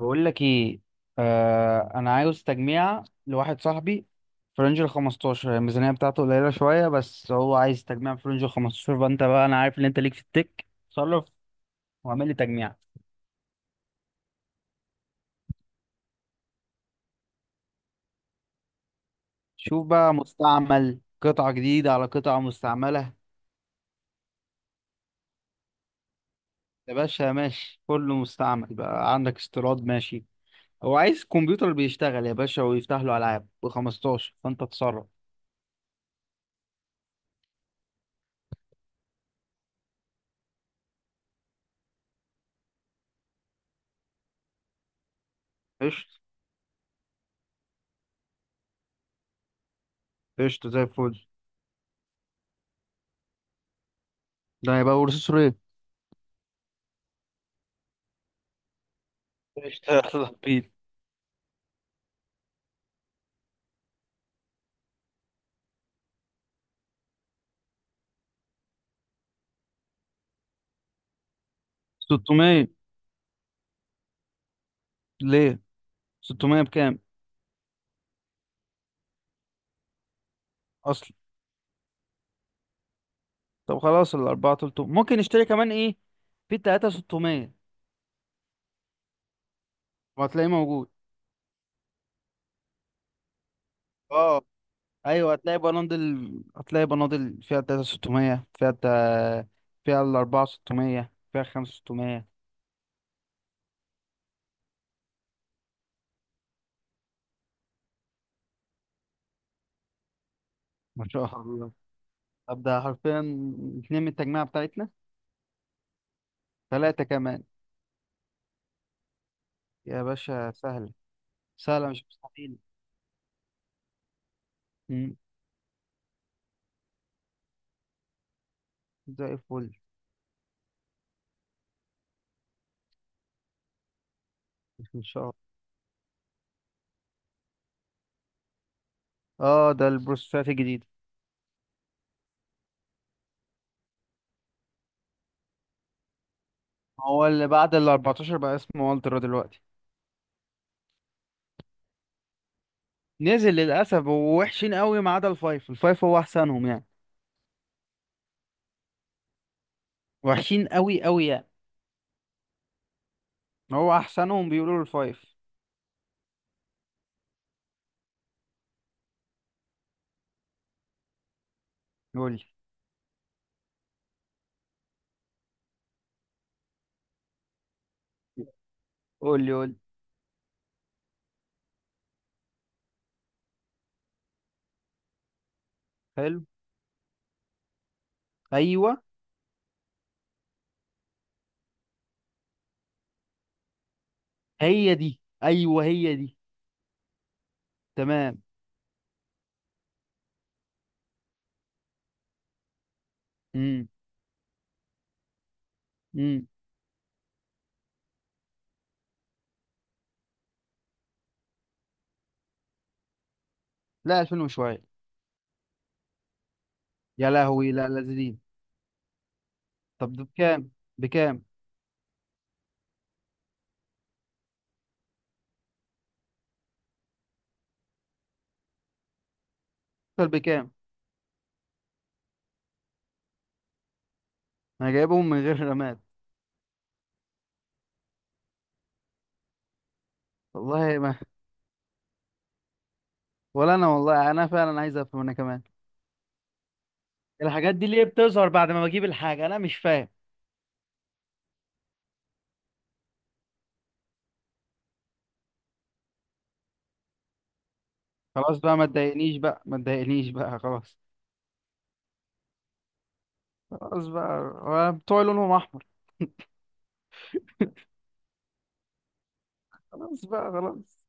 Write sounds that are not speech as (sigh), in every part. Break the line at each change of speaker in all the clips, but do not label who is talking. بقول لك ايه؟ آه، انا عاوز تجميع لواحد صاحبي في رينج ال 15. الميزانيه بتاعته قليله شويه، بس هو عايز تجميع في رينج ال 15. فانت بقى انا عارف ان انت ليك في التك، تصرف واعمل لي تجميع. شوف بقى، مستعمل قطعه جديده على قطعه مستعمله. يا باشا ماشي، كله مستعمل بقى، عندك استيراد ماشي. هو عايز كمبيوتر بيشتغل يا باشا ويفتح له العاب ب 15، فانت تصرف. قشطه. قشطه زي الفل. ده هيبقى بروسيسور ايه؟ قشطة. يلا بينا. 600؟ ليه؟ 600 بكام اصلا؟ طب خلاص، ال 4 300، ممكن نشتري كمان ايه؟ في 3 600 وهتلاقيه موجود. اه. ايوه هتلاقي بناطيل، هتلاقي بناطيل فيها 3 600، فيها فيها ال 4 600، فيها 5 600. ما شاء الله. طب ده حرفيا اتنين من التجميعة بتاعتنا، ثلاثة كمان. يا باشا سهلة، سهلة مش مستحيل. مم. زي الفل. (laughs) ان شاء الله. اه ده البروسيسات الجديدة. هو اللي بعد ال 14 بقى اسمه والترا دلوقتي. نزل للاسف، ووحشين قوي، ما عدا الفايف. الفايف هو احسنهم يعني. وحشين قوي قوي يعني. هو احسنهم بيقولوا له الفايف. قول لي قول لي. قول لي. حلو. ايوه هي دي، ايوه هي دي. تمام. امم امم لا 2000 وشويه. يا لهوي، لا لازلين. طب ده بكام؟ بكام؟ طب بكام؟ انا جايبهم من غير رماد. والله ما. ولا انا والله، انا فعلا عايز افهم انا كمان. الحاجات دي ليه بتظهر بعد ما بجيب الحاجه؟ انا مش فاهم. خلاص بقى، ما تضايقنيش بقى، ما تضايقنيش بقى، خلاص. خلاص بقى. هو بتوع لونهم احمر؟ خلاص بقى، خلاص.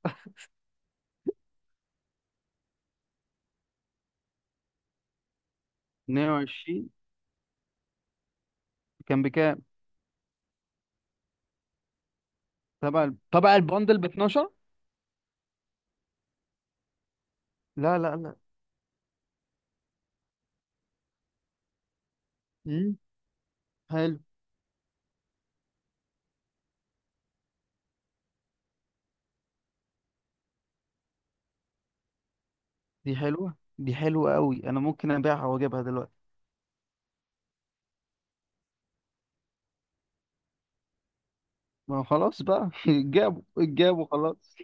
22. كان بكام؟ تبع البندل ب 12. لا لا لا. امم. حلو. دي حلوه. دي حلوه قوي، انا ممكن ابيعها واجيبها دلوقتي. ما هو خلاص بقى (laughs) جابوا جابوا، خلاص.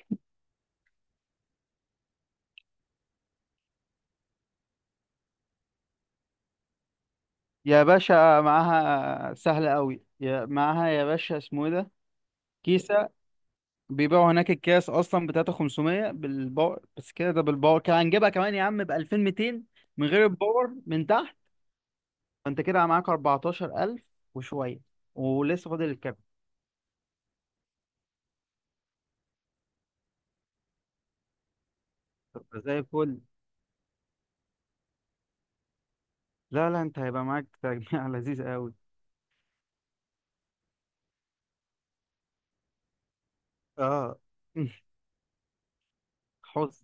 يا باشا معاها سهله قوي، يا معاها يا باشا، اسمه ايه ده؟ كيسه. بيبيعوا هناك الكاس اصلا ب 3500 بالباور، بس كده، ده بالباور، كان هنجيبها كمان يا عم ب 2200 من غير الباور، من تحت. فانت كده معاك 14000 وشويه، ولسه فاضل الكابيتال. طب ده زي الفل. لا لا، انت هيبقى معاك تجميع (laughs) لذيذ قوي. اه. (laughs) حظ.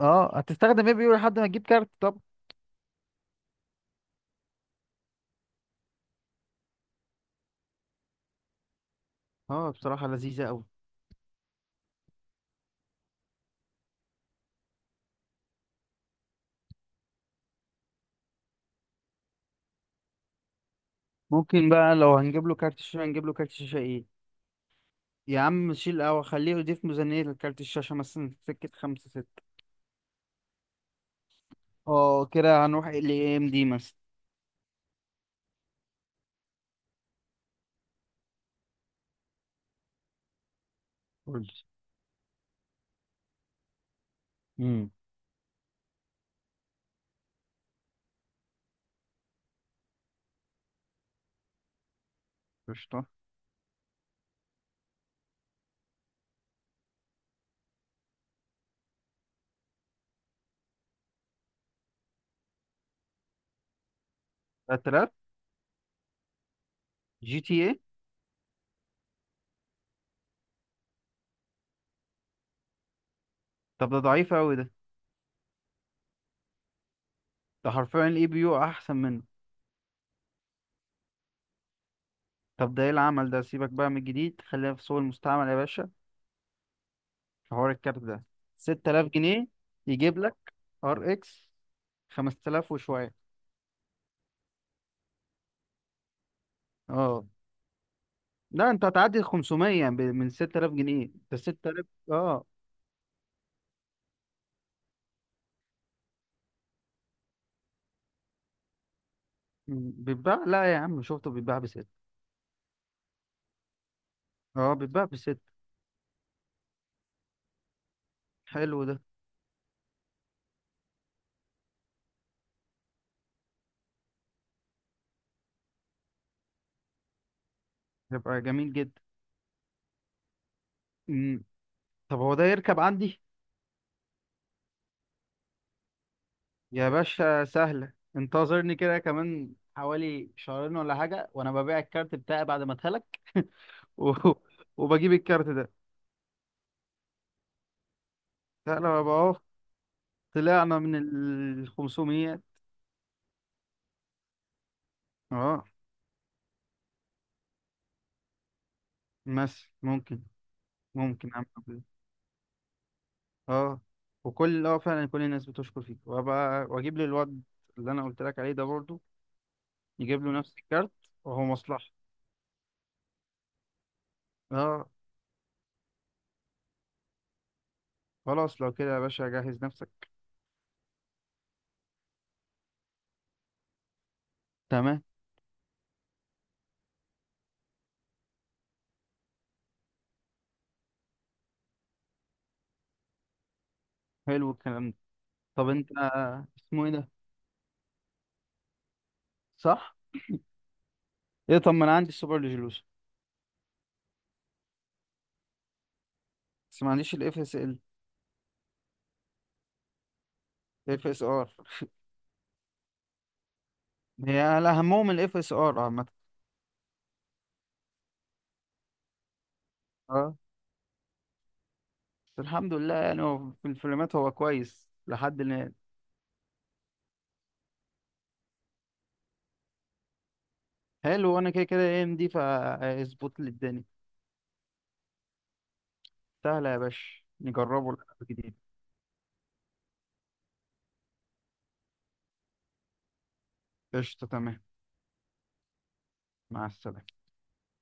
اه، هتستخدم ايه بيقول لحد ما تجيب كارت؟ طب. اه بصراحه لذيذه قوي. ممكن بقى لو هنجيب له كارت شاشه، هنجيب له كارت شاشه ايه؟ يا عم شيل او خليه يضيف ميزانيه لكارت الشاشه مثلا، سكه خمسة ستة. اه كده هنروح ال اي ام دي مثلا. قول لي. امم. قشطه. 3000. جي تي ايه؟ طب ده ضعيف قوي ده. ده حرفيا الاي بي يو احسن منه. طب ده ايه العمل ده؟ سيبك بقى من الجديد، خلينا في سوق المستعمل يا باشا. في حوار الكارت ده، 6000 جنيه. يجيب لك ار اكس 5000 وشويه. اه. لا انت هتعدي ال 500 من 6000 جنيه، ده 6000. اه. بيتباع لا يا عم، شفته بيتباع بست. اه بيتباع بست. حلو ده. يبقى جميل جدا. مم. طب هو ده يركب عندي؟ يا باشا سهله، انتظرني كده كمان حوالي شهرين ولا حاجه، وانا ببيع الكارت بتاعي بعد ما اتهلك. (laughs) و... (laughs) وبجيب الكارت ده. لا لو بقى أهو، طلعنا من ال 500. اه مثلا ممكن. ممكن اعمل كده. اه. وكل، اه، فعلا كل الناس بتشكر فيك، وابقى واجيب لي الواد اللي انا قلت لك عليه ده برضو. يجيب له نفس الكارت، وهو مصلحة. اه. خلاص لو كده يا باشا جهز نفسك. تمام. حلو الكلام ده. طب انت، اسمه ايه ده؟ صح. ايه؟ طب ما انا عندي السوبر ريزولوشن. بس ما عنديش الاف اس ال. اف اس ار. هي اهمهم الاف اس ار عامة. آه. الحمد لله، يعني هو في الفيلمات هو كويس لحد الآن. حلو، وأنا كده كده ايه دي، فاظبط لي الدنيا. سهلة يا باشا، نجربه الجديد. قشطة. تمام. مع السلامة.